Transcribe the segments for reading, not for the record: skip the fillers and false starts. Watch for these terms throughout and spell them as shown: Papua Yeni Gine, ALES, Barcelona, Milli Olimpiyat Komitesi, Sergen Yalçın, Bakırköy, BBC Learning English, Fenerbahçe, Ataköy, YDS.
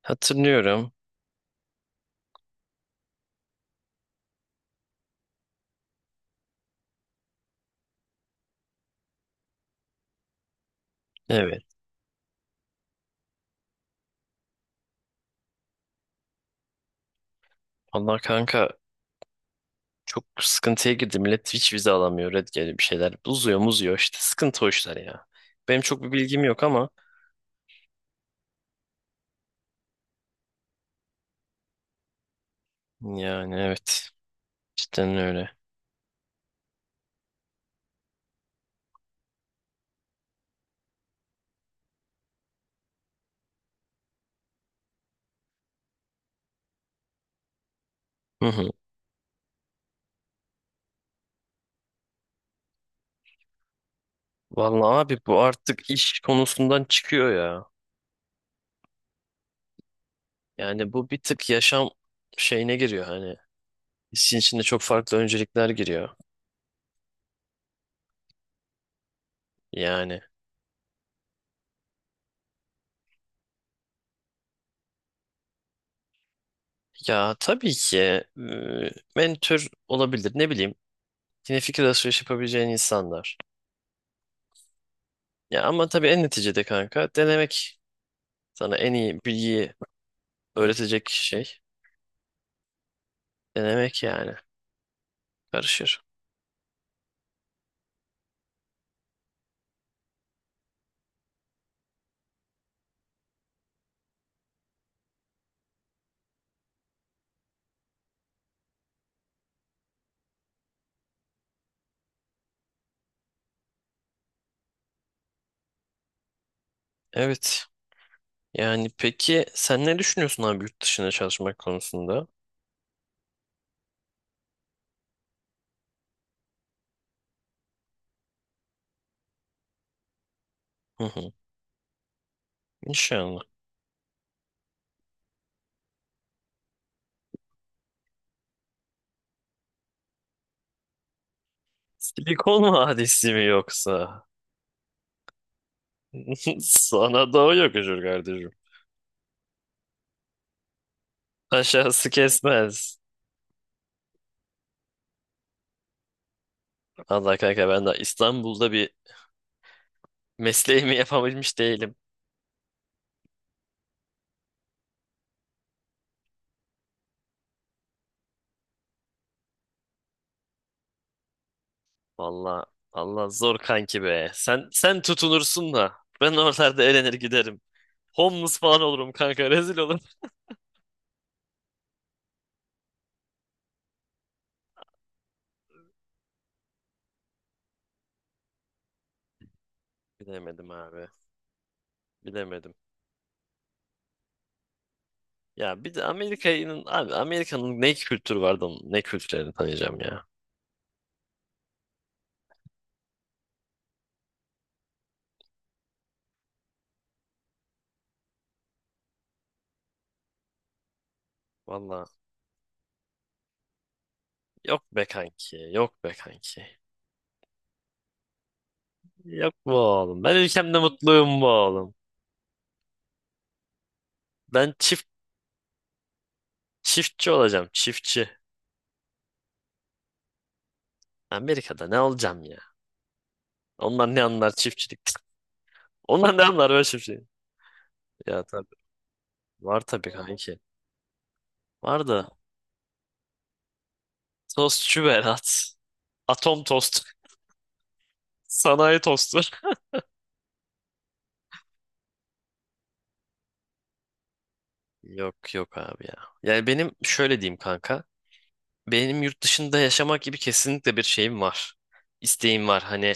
Hatırlıyorum. Evet. Vallahi kanka çok sıkıntıya girdi. Millet hiç vize alamıyor. Red geliyor bir şeyler. Uzuyor muzuyor işte. Sıkıntı o işler ya. Benim çok bir bilgim yok ama yani evet. Cidden öyle. Hı hı. Vallahi abi bu artık iş konusundan çıkıyor ya. Yani bu bir tık yaşam şeyine giriyor hani. İşin içinde çok farklı öncelikler giriyor. Yani ya tabii ki mentor olabilir. Ne bileyim. Yine fikir alışverişi yapabileceğin insanlar. Ya ama tabii en neticede kanka denemek sana en iyi bilgiyi öğretecek şey, denemek yani. Karışır. Evet. Yani peki sen ne düşünüyorsun abi yurt dışına çalışmak konusunda? Hı hı. İnşallah. Silikon vadisi mi yoksa? Sana doğu yakışır kardeşim. Aşağısı kesmez. Allah kanka ben de İstanbul'da bir mesleğimi yapabilmiş değilim. Valla Allah zor kanki be. Sen tutunursun da ben oralarda elenir giderim. Homeless falan olurum kanka, rezil olurum. Bilemedim abi. Bilemedim. Ya bir de Amerika'nın abi, Amerika'nın ne kültürü vardı onun, ne kültürlerini tanıyacağım ya. Valla yok be kanki, yok be kanki. Yok bu oğlum. Ben ülkemde mutluyum bu oğlum. Ben çiftçi olacağım, çiftçi. Amerika'da ne olacağım ya? Onlar ne anlar çiftçilikten? Onlar ne anlar böyle çiftçilik? Ya tabii. Var tabii kanki. Var da. Tostçu Berat. Atom tost. Sanayi tostu. Yok yok abi ya. Yani benim şöyle diyeyim kanka. Benim yurt dışında yaşamak gibi kesinlikle bir şeyim var. İsteğim var. Hani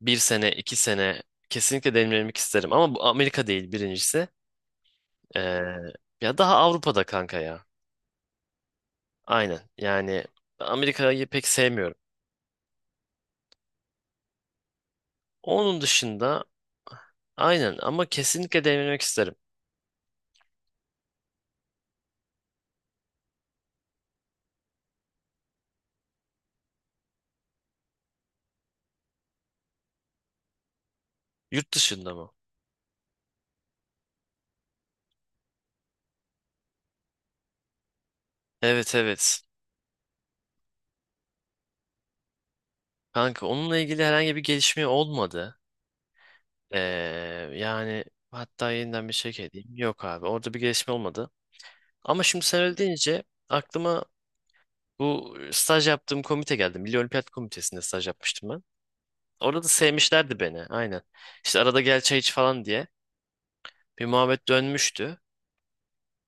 bir sene, iki sene kesinlikle deneyimlemek isterim. Ama bu Amerika değil birincisi. Ee, ya daha Avrupa'da kanka ya. Aynen. Yani Amerika'yı pek sevmiyorum. Onun dışında aynen, ama kesinlikle deneyimlemek isterim. Yurt dışında mı? Evet, evet. Kanka onunla ilgili herhangi bir gelişme olmadı. Ee, yani hatta yeniden bir şey edeyim. Yok abi, orada bir gelişme olmadı. Ama şimdi sen öyle deyince aklıma bu staj yaptığım komite geldi. Milli Olimpiyat Komitesi'nde staj yapmıştım ben. Orada da sevmişlerdi beni, aynen. İşte arada gel çay iç falan diye bir muhabbet dönmüştü.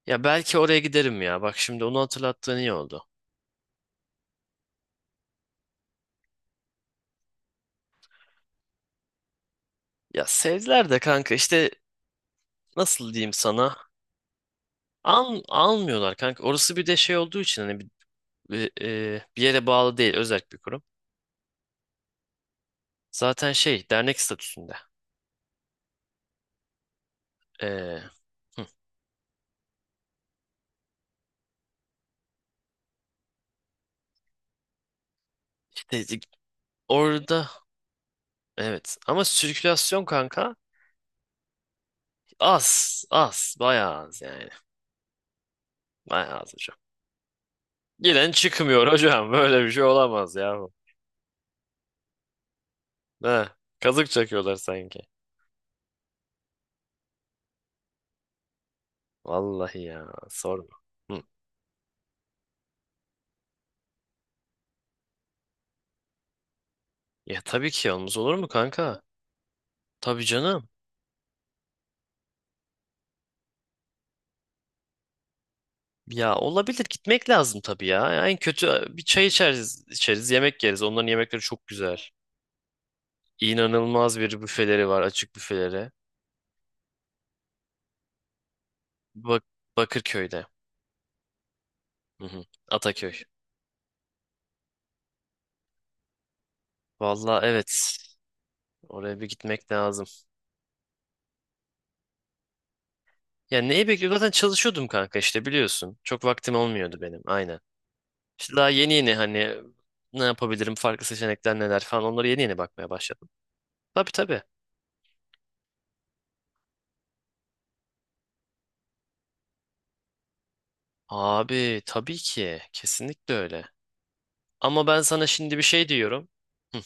Ya belki oraya giderim ya. Bak, şimdi onu hatırlattığın iyi oldu. Ya sevdiler de kanka, işte nasıl diyeyim sana? Almıyorlar kanka. Orası bir de şey olduğu için, hani bir yere bağlı değil. Özel bir kurum. Zaten şey, dernek statüsünde. E, hı, işte orada, evet. Ama sirkülasyon kanka az. Az. Bayağı az yani. Bayağı az hocam. Gelen çıkmıyor hocam. Böyle bir şey olamaz ya, bu. He, kazık çakıyorlar sanki. Vallahi ya. Sorma. Hı. Ya tabii ki, olmaz olur mu kanka? Tabii canım. Ya olabilir, gitmek lazım tabii ya. En kötü bir çay içeriz, içeriz, yemek yeriz. Onların yemekleri çok güzel. İnanılmaz bir büfeleri var, açık büfeleri. Bak Bakırköy'de. Hı hı. Ataköy. Valla evet. Oraya bir gitmek lazım. Ya neyi bekliyorum? Zaten çalışıyordum kanka, işte biliyorsun. Çok vaktim olmuyordu benim. Aynen. İşte daha yeni yeni hani ne yapabilirim, farklı seçenekler neler falan, onları yeni yeni bakmaya başladım. Tabii, tabii. Abi tabii ki. Kesinlikle öyle. Ama ben sana şimdi bir şey diyorum. Hı.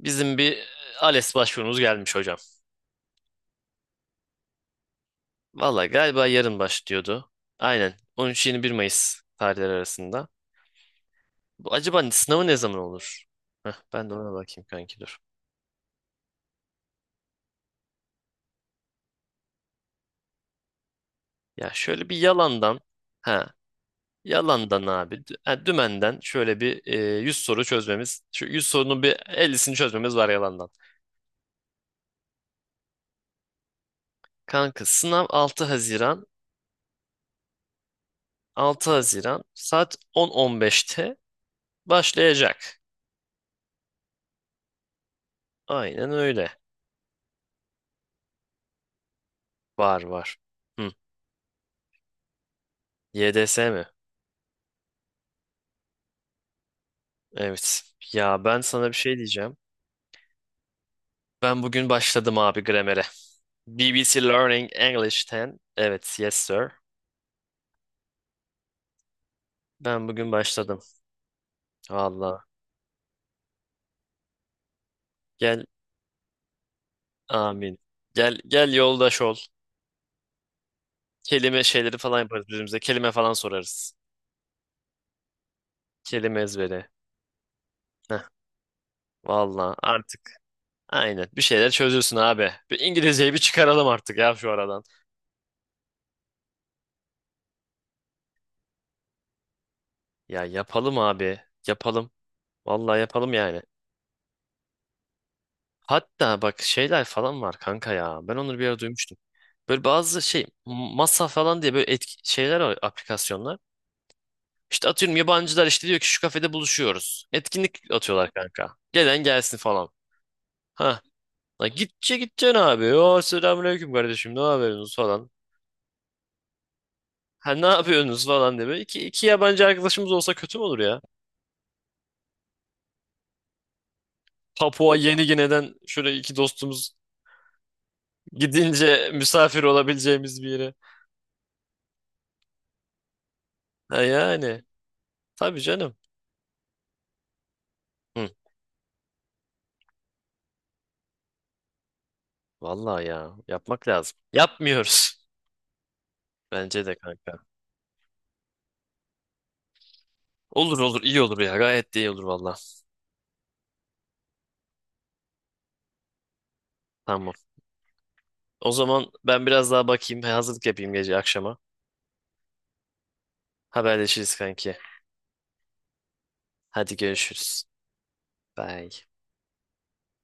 Bizim bir ALES başvurumuz gelmiş hocam. Valla galiba yarın başlıyordu. Aynen. 13 bir Mayıs tarihleri arasında. Bu acaba sınavı ne zaman olur? Heh, ben de ona bakayım kanki, dur. Ya şöyle bir yalandan ha yalandan abi, dümenden şöyle bir 100 soru çözmemiz. Şu 100 sorunun bir 50'sini çözmemiz var yalandan. Kanka sınav 6 Haziran saat 10.15'te başlayacak. Aynen öyle. Var var. Hı. YDS mi? Evet. Ya ben sana bir şey diyeceğim. Ben bugün başladım abi gramere. BBC Learning English 10. Evet, yes sir. Ben bugün başladım. Valla. Gel, amin. Gel, gel yoldaş ol. Kelime şeyleri falan yaparız birbirimize. Kelime falan sorarız. Kelime ezberi. Heh, valla artık. Aynen. Bir şeyler çözülsün abi. Bir İngilizceyi bir çıkaralım artık ya şu aradan. Ya yapalım abi. Yapalım. Valla yapalım yani. Hatta bak şeyler falan var kanka ya. Ben onları bir ara duymuştum. Böyle bazı şey, masa falan diye, böyle şeyler var, aplikasyonlar. İşte atıyorum yabancılar, işte diyor ki şu kafede buluşuyoruz. Etkinlik atıyorlar kanka. Gelen gelsin falan. Ha. La gitçe gideceksin abi. O selamünaleyküm kardeşim, ne yapıyorsunuz falan. Ha, ne yapıyorsunuz falan diye. Böyle iki yabancı arkadaşımız olsa kötü mü olur ya? Papua Yeni Gine'den şöyle iki dostumuz, gidince misafir olabileceğimiz bir yere. Ha yani. Tabii canım. Hı. Vallahi ya, yapmak lazım. Yapmıyoruz. Bence de kanka. Olur olur, iyi olur ya, gayet de iyi olur valla. Tamam. O zaman ben biraz daha bakayım, hazırlık yapayım gece akşama. Haberleşiriz kanki. Hadi görüşürüz. Bye.